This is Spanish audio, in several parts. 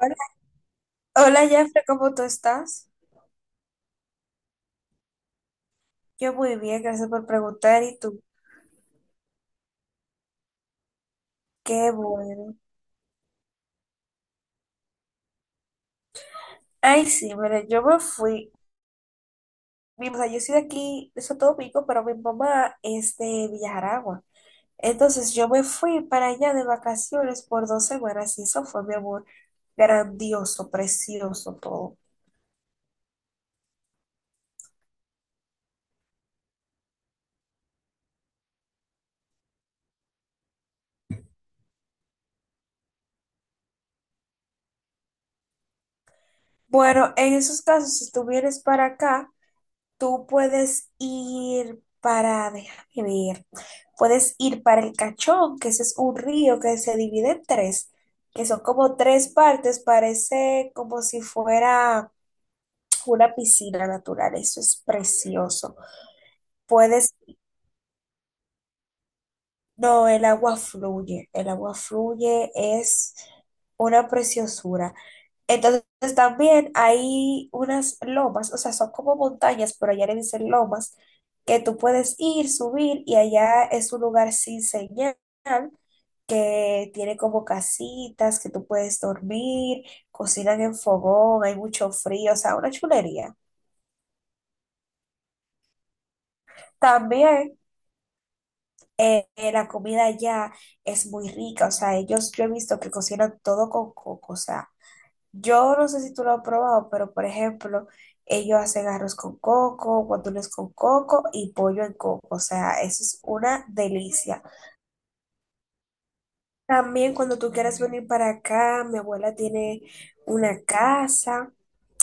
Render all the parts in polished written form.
Hola, hola Jeffrey, ¿cómo tú estás? Yo muy bien, gracias por preguntar. ¿Y tú? Qué bueno. Ay, sí, mira, yo me fui. O sea, yo soy de aquí, de Santo Domingo, pero mi mamá es de Villajaragua. Entonces yo me fui para allá de vacaciones por 2 semanas y eso fue, mi amor, grandioso, precioso todo. Bueno, en esos casos, si tú vienes para acá, tú puedes ir para, déjame ver, puedes ir para el Cachón, que ese es un río que se divide en tres, que son como tres partes, parece como si fuera una piscina natural, eso es precioso. Puedes, no, el agua fluye, es una preciosura. Entonces también hay unas lomas, o sea, son como montañas, pero allá le dicen lomas, que tú puedes ir, subir y allá es un lugar sin señal, que tiene como casitas, que tú puedes dormir, cocinan en fogón, hay mucho frío, o sea, una chulería. También la comida allá es muy rica, o sea, ellos yo he visto que cocinan todo con coco, o sea, yo no sé si tú lo has probado, pero por ejemplo, ellos hacen arroz con coco, guandules con coco y pollo en coco. O sea, eso es una delicia. También cuando tú quieras venir para acá, mi abuela tiene una casa.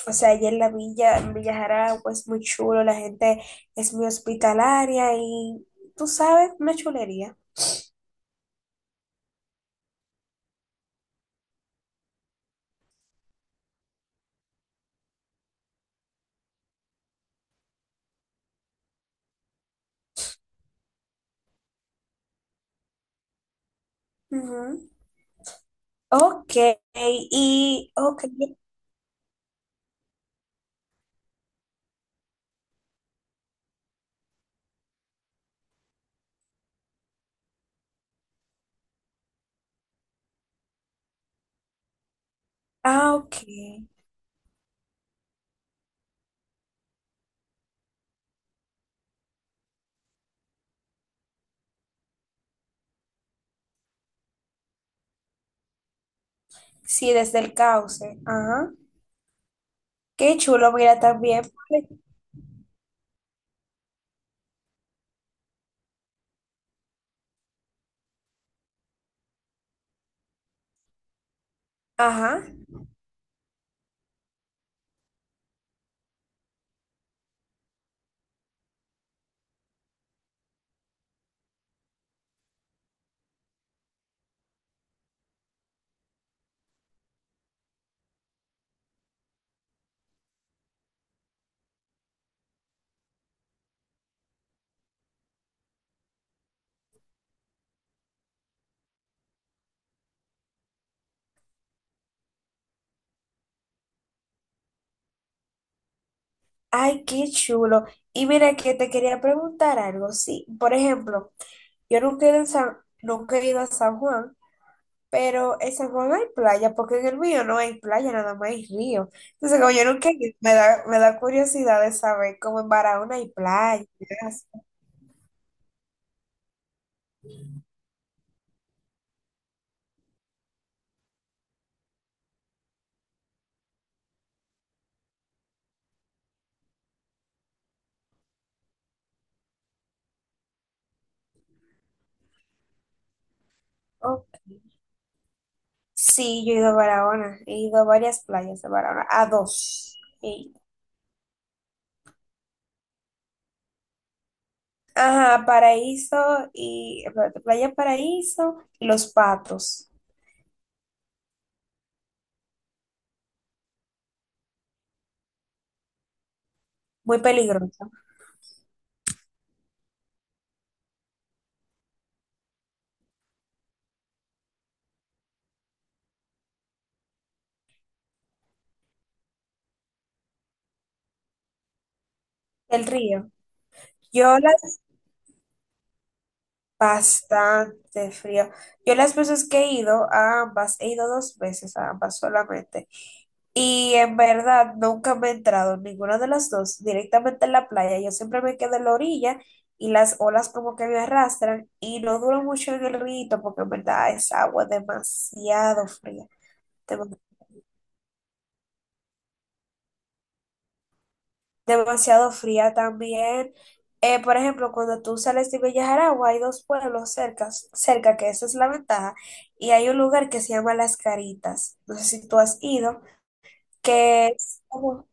O sea, allá en la villa, en Villa Jaragua, es muy chulo, la gente es muy hospitalaria y tú sabes, una chulería. Ujú. Ok, y ok, ah, ok. Sí, desde el cauce. Ajá. Qué chulo, mira, también. Pues, ajá. Ay, qué chulo. Y mira que te quería preguntar algo. Sí, por ejemplo, yo nunca he ido, en nunca he ido a San Juan, pero en San Juan hay playa, porque en el mío no hay playa, nada más hay río. Entonces, como yo nunca he ido, me da curiosidad de saber cómo en Barahona hay playas. Oh, sí, yo he ido a Barahona, he ido a varias playas de Barahona, a dos. Ajá, Paraíso y espérate, Playa Paraíso y Los Patos. Muy peligroso. El río. Yo las bastante frío. Yo las veces que he ido a ambas, he ido dos veces a ambas solamente. Y en verdad nunca me he entrado en ninguna de las dos directamente en la playa. Yo siempre me quedo en la orilla y las olas como que me arrastran y no duro mucho en el río porque en verdad es agua demasiado fría. Demasiado fría también. Por ejemplo, cuando tú sales de Bellajaragua, hay dos pueblos cerca, cerca, que esa es la ventaja, y hay un lugar que se llama Las Caritas. No sé si tú has ido, que es como-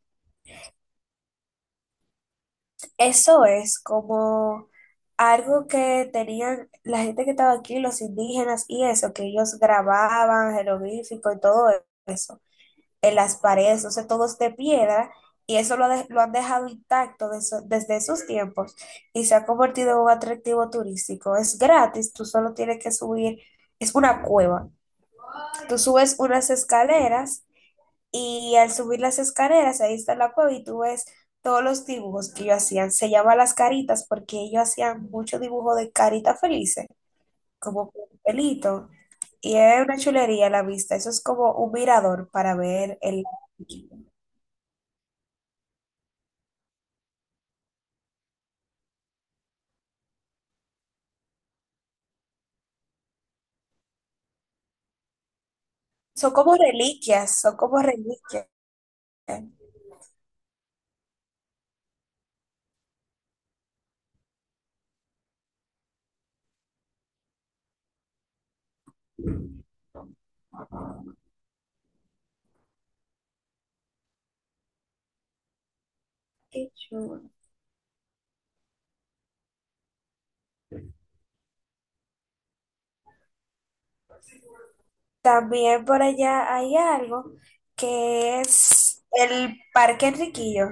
eso es como algo que tenían la gente que estaba aquí, los indígenas y eso, que ellos grababan jeroglífico y todo eso. En las paredes, o sea, todo es de piedra y eso lo han dejado intacto desde esos tiempos y se ha convertido en un atractivo turístico. Es gratis, tú solo tienes que subir, es una cueva. Tú subes unas escaleras y al subir las escaleras, ahí está la cueva y tú ves todos los dibujos que ellos hacían. Se llama las caritas porque ellos hacían mucho dibujo de caritas felices, como con un pelito. Y es una chulería a la vista. Eso es como un mirador para ver el... Son como reliquias, son como reliquias. Qué chulo. También por allá hay algo que es el Parque Enriquillo,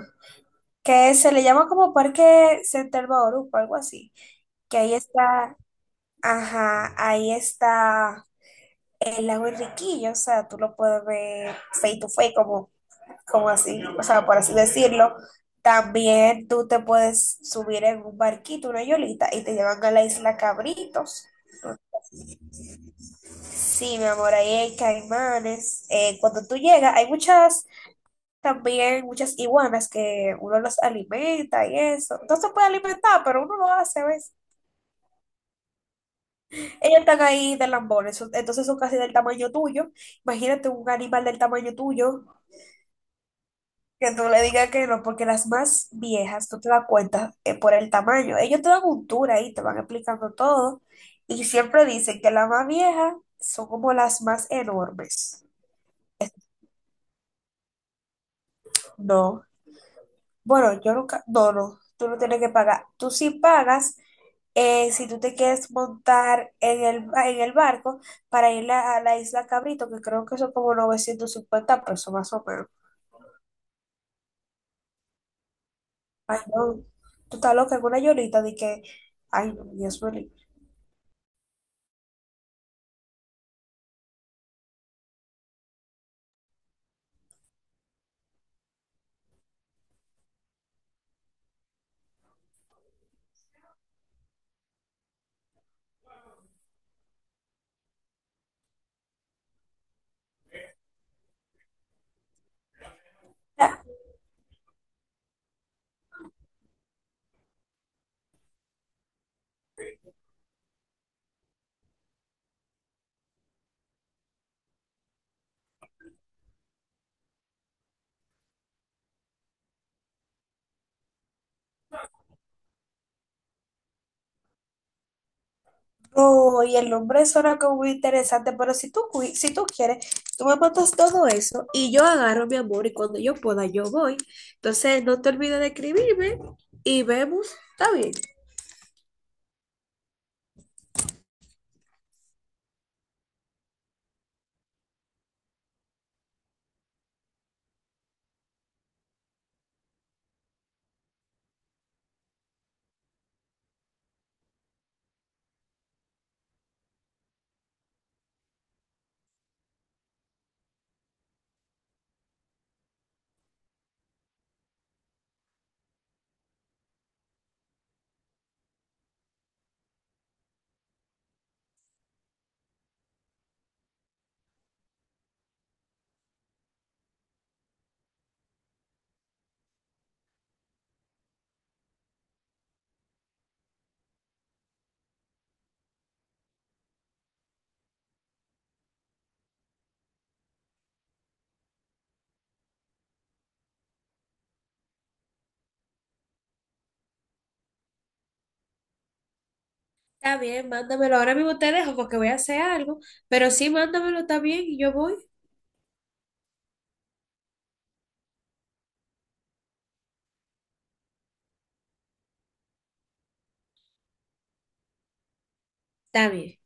que se le llama como Parque Central Bauruco, algo así. Que ahí está, ajá, ahí está el lago Enriquillo, o sea, tú lo puedes ver face to face, como, así, o sea, por así decirlo. También tú te puedes subir en un barquito, una yolita, y te llevan a la isla Cabritos. Sí, mi amor, ahí hay caimanes. Cuando tú llegas, hay muchas, también muchas iguanas que uno los alimenta y eso. No se puede alimentar, pero uno lo hace, ¿ves? Ellos están ahí de lambones, entonces son casi del tamaño tuyo. Imagínate un animal del tamaño tuyo, que tú le digas que no, porque las más viejas, tú te das cuenta por el tamaño. Ellos te dan un tour ahí, te van explicando todo. Y siempre dicen que las más viejas son como las más enormes. No. Bueno, yo nunca, no, no, tú no tienes que pagar. Tú sí pagas si tú te quieres montar en el barco para ir a la isla Cabrito, que creo que son como 950 pesos más o menos. Ay, no, tú estás loca en una llorita de que, ay, no, Dios mío. Ah, no, y el nombre suena como muy interesante, pero si tú, si tú quieres, tú me montas todo eso y yo agarro mi amor y cuando yo pueda yo voy. Entonces, no te olvides de escribirme y vemos, está bien. Está bien, mándamelo. Ahora mismo te dejo porque voy a hacer algo, pero sí, mándamelo, está bien, y yo voy, está bien.